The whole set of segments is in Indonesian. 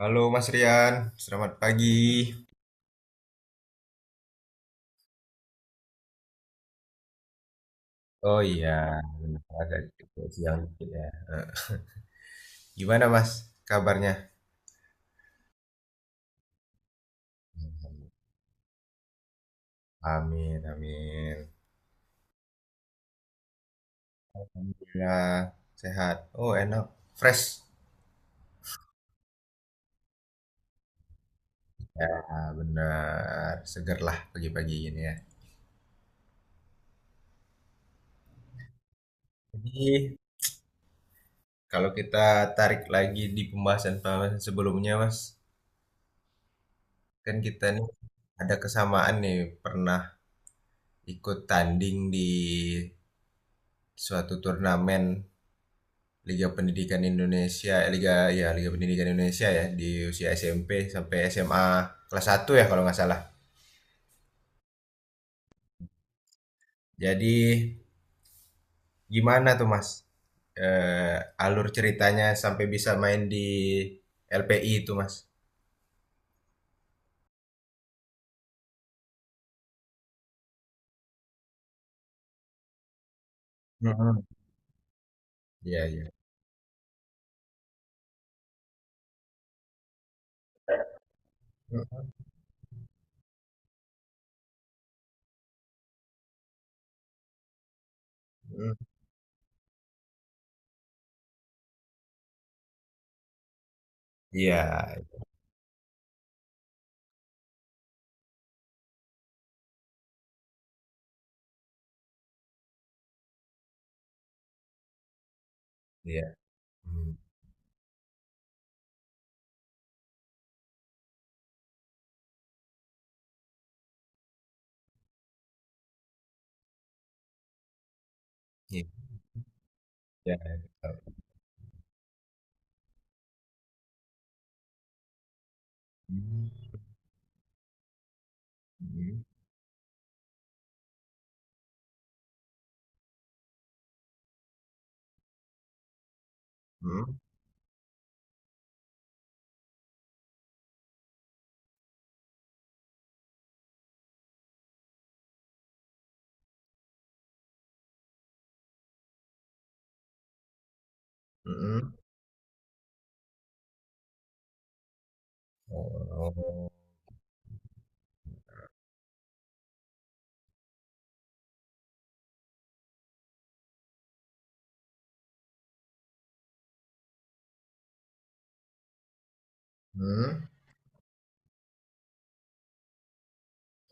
Halo Mas Rian, selamat pagi. Oh iya, benar, agak agak siang dikit ya. Eh, Gimana Mas kabarnya? Amin, amin. Alhamdulillah, sehat. Oh enak, fresh. Ya benar, seger lah pagi-pagi ini ya. Jadi kalau kita tarik lagi di pembahasan-pembahasan sebelumnya Mas, kan kita nih ada kesamaan nih pernah ikut tanding di suatu turnamen Liga Pendidikan Indonesia, Liga Pendidikan Indonesia ya di usia SMP sampai SMA kelas satu ya kalau nggak salah. Jadi gimana tuh Mas? Eh, Alur ceritanya sampai bisa main di LPI itu Mas? Mm-mm. Iya iya. Mhm. Iya iya. Hmm. Iya. Iya. Hmm. Hmm. Hmm. Hmm. Oh. Hmm.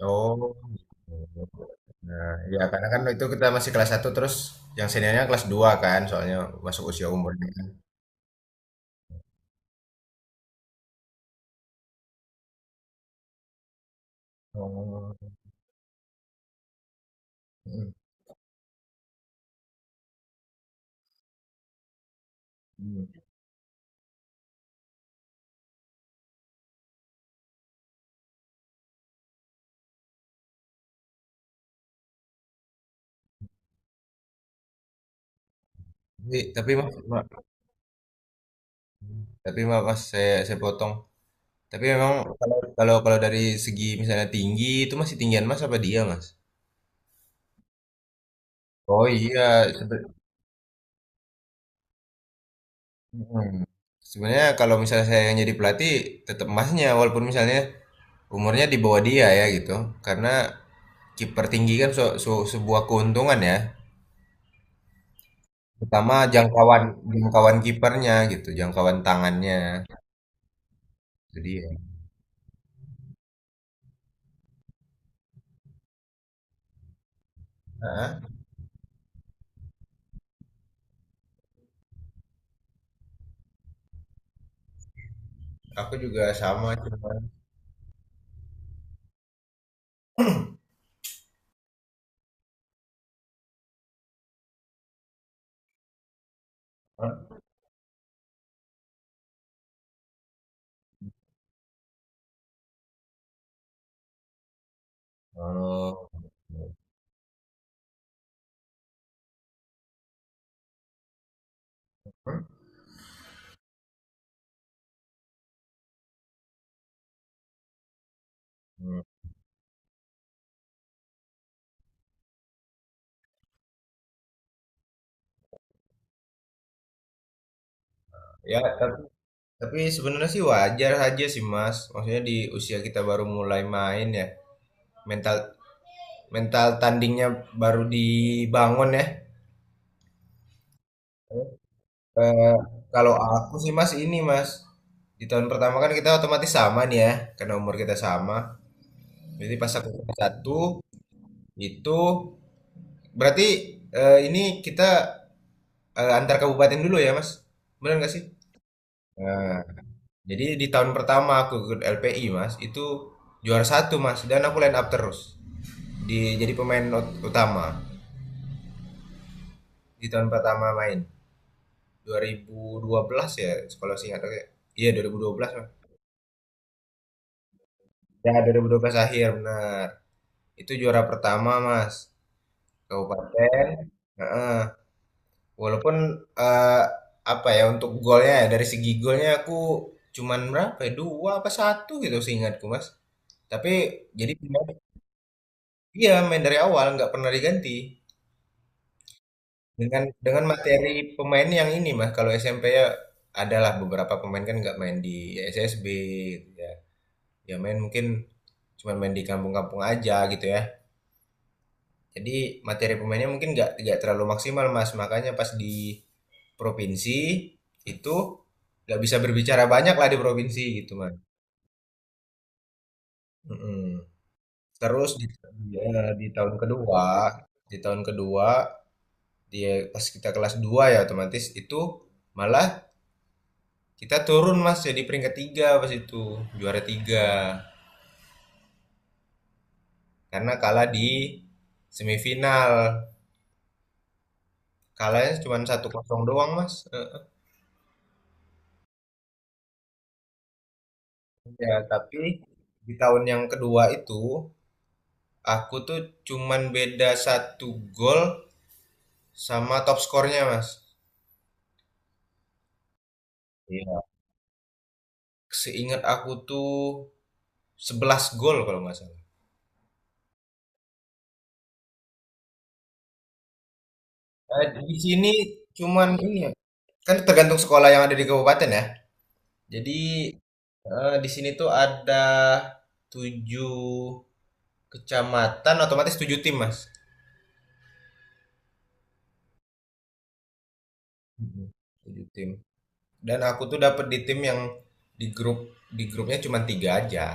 Oh, gitu. Nah, ya karena kan itu kita masih kelas satu terus yang seniornya kelas 2 kan, soalnya masuk usia umurnya kan. Oh. Mm, mm. Tapi mas, mas saya potong. Tapi memang kalau kalau kalau dari segi misalnya tinggi itu masih tinggian mas apa dia mas? Oh iya, sebe- mm. Sebenarnya kalau misalnya saya yang jadi pelatih tetap masnya walaupun misalnya umurnya di bawah dia ya gitu. Karena kiper tinggi kan sebuah keuntungan ya. Pertama jangkauan jangkauan kipernya gitu, jangkauan tangannya. Itu dia. Heeh, aku juga sama cuman eee, ya tapi sebenarnya sih wajar aja sih Mas, maksudnya di usia kita baru mulai main ya, mental mental tandingnya baru dibangun ya. Eee, Kalau aku sih Mas ini Mas, di tahun pertama kan kita otomatis sama nih ya, karena umur kita sama. Jadi pas aku kelas 1 itu berarti, ini kita, antar kabupaten dulu ya, Mas? Benar nggak sih? Nah, jadi di tahun pertama aku ikut LPI, Mas, itu juara satu, Mas, dan aku line up terus. Jadi pemain utama di tahun pertama main 2012 ya, sekolah singkat aku ya. Iya, 2012, Mas. Ya, 2012 akhir, benar. Itu juara pertama, Mas. Kabupaten. Heeh. Walaupun eh, apa ya untuk golnya ya, dari segi golnya aku cuman berapa ya, dua apa satu gitu seingatku Mas. Tapi jadi iya main dari awal nggak pernah diganti dengan materi pemain yang ini Mas. Kalau SMP ya adalah beberapa pemain kan nggak main di SSB gitu ya. Ya main mungkin cuman main di kampung-kampung aja gitu ya. Jadi materi pemainnya mungkin nggak terlalu maksimal mas, makanya pas di provinsi itu nggak bisa berbicara banyak lah di provinsi gitu mas. Mm-mm. Terus ya, di tahun kedua di tahun kedua dia pas kita kelas 2 ya otomatis itu malah kita turun mas, jadi peringkat tiga pas itu, juara tiga karena kalah di semifinal, kalahnya cuma 1-0 doang mas. Ya, tapi di tahun yang kedua itu, aku tuh cuman beda satu gol sama top skornya, Mas. Iya. Seingat aku tuh 11 gol kalau nggak salah. Eh, di sini cuman ini ya, kan tergantung sekolah yang ada di kabupaten ya. Jadi di sini tuh ada 7 kecamatan, otomatis 7 tim, Mas. Mhm. 7 tim. Dan aku tuh dapet di tim yang di grup di grupnya cuman tiga aja.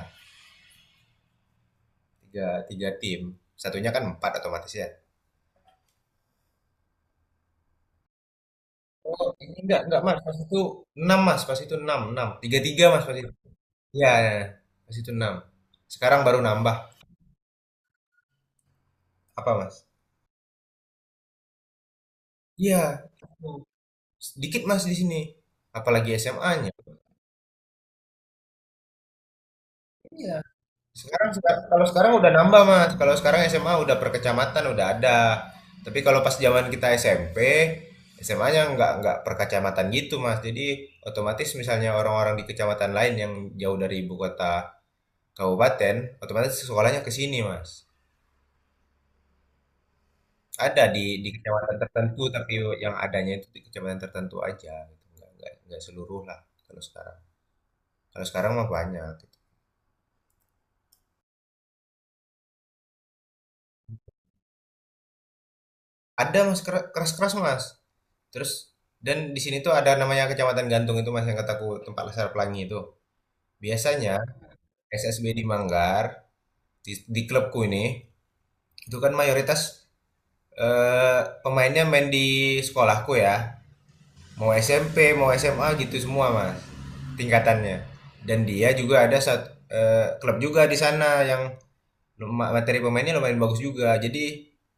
Tiga, tiga tim. Satunya kan empat otomatis ya. Oh, enggak, Mas. Pas itu 6 Mas. Pas itu 6, 6, tiga Mas, pas itu. Iya, ya, ya. Pas itu enam. Sekarang baru nambah. Apa, Mas? Iya. Sedikit, Mas, di sini. Apalagi SMA-nya. Iya. Sekarang, kalau sekarang udah nambah, Mas. Kalau sekarang SMA udah per kecamatan, udah ada. Tapi kalau pas zaman kita SMP, SMA-nya nggak per kecamatan gitu, Mas. Jadi otomatis misalnya orang-orang di kecamatan lain yang jauh dari ibu kota kabupaten, otomatis sekolahnya ke sini, Mas. Ada di kecamatan tertentu, tapi yang adanya itu di kecamatan tertentu aja gitu. Nggak seluruh lah kalau sekarang. Kalau sekarang mah banyak gitu. Ada Mas, keras-keras Mas. Terus dan di sini tuh ada namanya Kecamatan Gantung itu Mas yang kataku tempat laser pelangi itu. Biasanya SSB di Manggar, di klubku ini itu kan mayoritas pemainnya main di sekolahku ya. Mau SMP mau SMA gitu semua mas tingkatannya. Dan dia juga ada satu klub juga di sana yang materi pemainnya lumayan bagus juga, jadi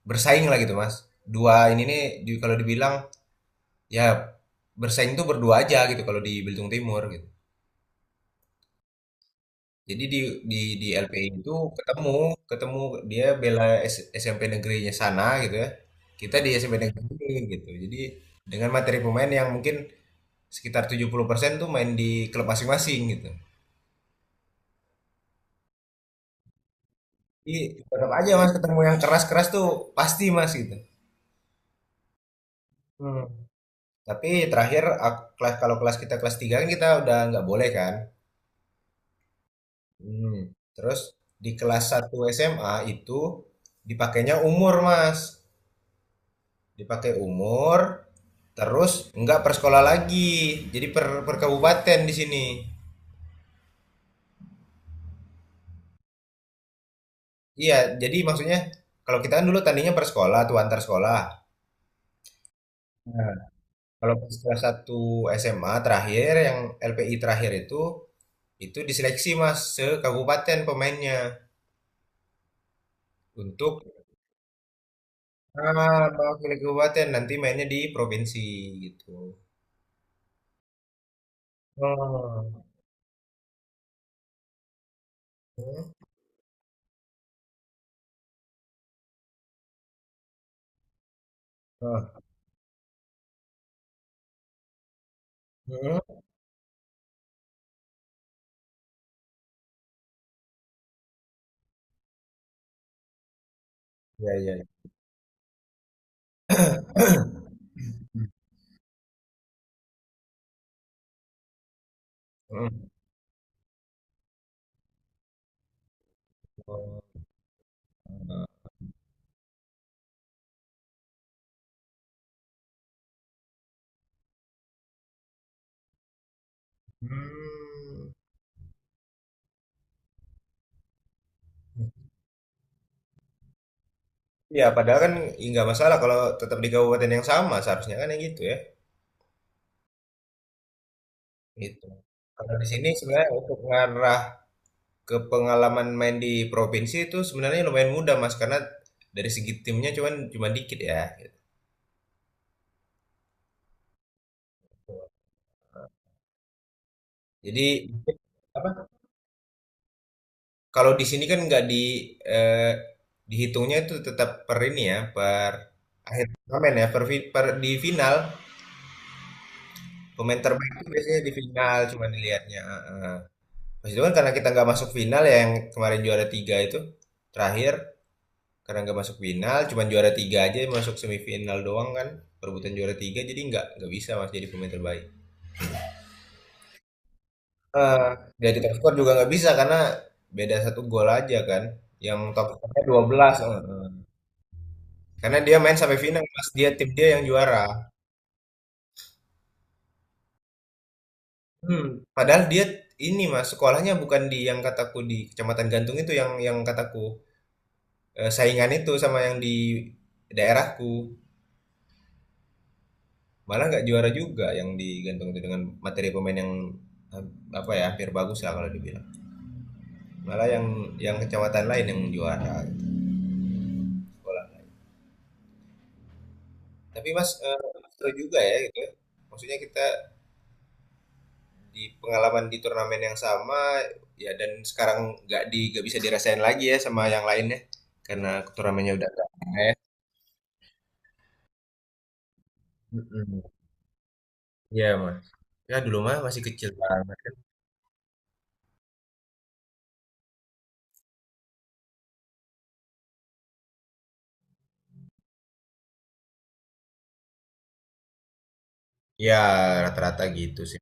bersaing lah gitu mas. Dua ini nih kalau dibilang ya bersaing tuh berdua aja gitu kalau di Belitung Timur gitu. Jadi di di LPI itu ketemu, ketemu dia bela SMP negerinya sana gitu ya, kita di SMP negeri gitu. Jadi dengan materi pemain yang mungkin sekitar 70% tuh main di klub masing-masing gitu. Jadi tetap aja mas ketemu yang keras-keras tuh pasti mas gitu. Hmm. Tapi terakhir ak- kelas kalau kelas kita kelas 3 kan kita udah nggak boleh kan. Hmm. Terus di kelas 1 SMA itu dipakainya umur mas. Dipakai umur terus nggak per sekolah lagi. Jadi per kabupaten di sini. Iya, jadi maksudnya kalau kita kan dulu tandingnya per sekolah tuh antar sekolah. Kalau pas kelas 1 SMA terakhir, yang LPI terakhir itu, diseleksi Mas se kabupaten pemainnya untuk mewakili kabupaten nanti mainnya di provinsi gitu. Oh. Hmm. Ah. Hmm. Ya, ya, ya. Hmm. Oh. Hmm. Ya, padahal kan nggak masalah kalau tetap di kabupaten yang sama seharusnya kan yang gitu ya. Gitu. Kalau di sini sebenarnya untuk ngarah ke pengalaman main di provinsi itu sebenarnya lumayan mudah Mas karena dari segi timnya cuman cuman dikit ya. Jadi apa? Kalau di sini kan nggak di eh, dihitungnya itu tetap per ini ya, akhir turnamen ya, per di final, pemain terbaik itu biasanya di final cuman dilihatnya. Heeh. Mas itu kan karena kita nggak masuk final ya, yang kemarin juara tiga itu terakhir, karena nggak masuk final cuman juara tiga aja, masuk semifinal doang kan perebutan juara tiga, jadi nggak bisa Mas jadi pemain terbaik. Eh, jadi top skor juga nggak bisa karena beda satu gol aja kan. Yang top skornya 12. Oh, eh. Karena dia main sampai final, Mas. Dia tim, dia yang juara. Hmm. Padahal dia ini, Mas, sekolahnya bukan di yang kataku di Kecamatan Gantung itu, yang kataku saingan itu sama yang di daerahku. Malah nggak juara juga yang di Gantung itu dengan materi pemain yang eh, apa ya hampir bagus lah kalau dibilang, malah yang kecamatan lain yang juara. Tapi Mas, seru juga ya gitu ya. Maksudnya kita di pengalaman di turnamen yang sama, ya, dan sekarang nggak bisa dirasain lagi ya sama yang lainnya, karena turnamennya udah nggak ada ya. Mhm, iya Mas. Ya dulu mah masih kecil banget kan. Ya rata-rata gitu sih.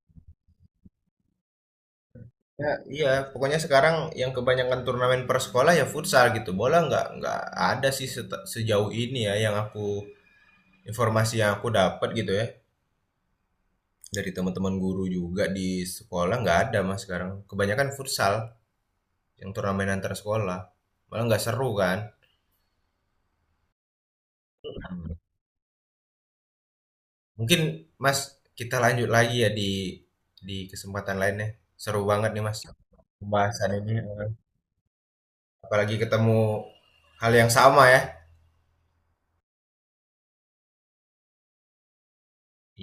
Ya iya, pokoknya sekarang yang kebanyakan turnamen per sekolah ya futsal gitu, bola nggak ada sih, sejauh ini ya yang aku dapat gitu ya. Dari teman-teman guru juga di sekolah nggak ada Mas sekarang. Kebanyakan futsal yang turnamen antar sekolah. Malah nggak seru kan. Mungkin Mas kita lanjut lagi ya di kesempatan lainnya. Seru banget nih Mas pembahasan ini. Apalagi ketemu hal yang sama ya.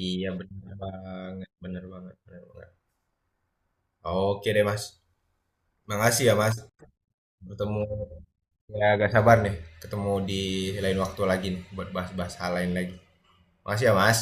Iya bener banget, bener banget, bener banget. Oke deh Mas. Makasih ya Mas. Bertemu ya agak sabar nih, ketemu di lain waktu lagi nih buat bahas-bahas hal lain lagi. Makasih ya Mas.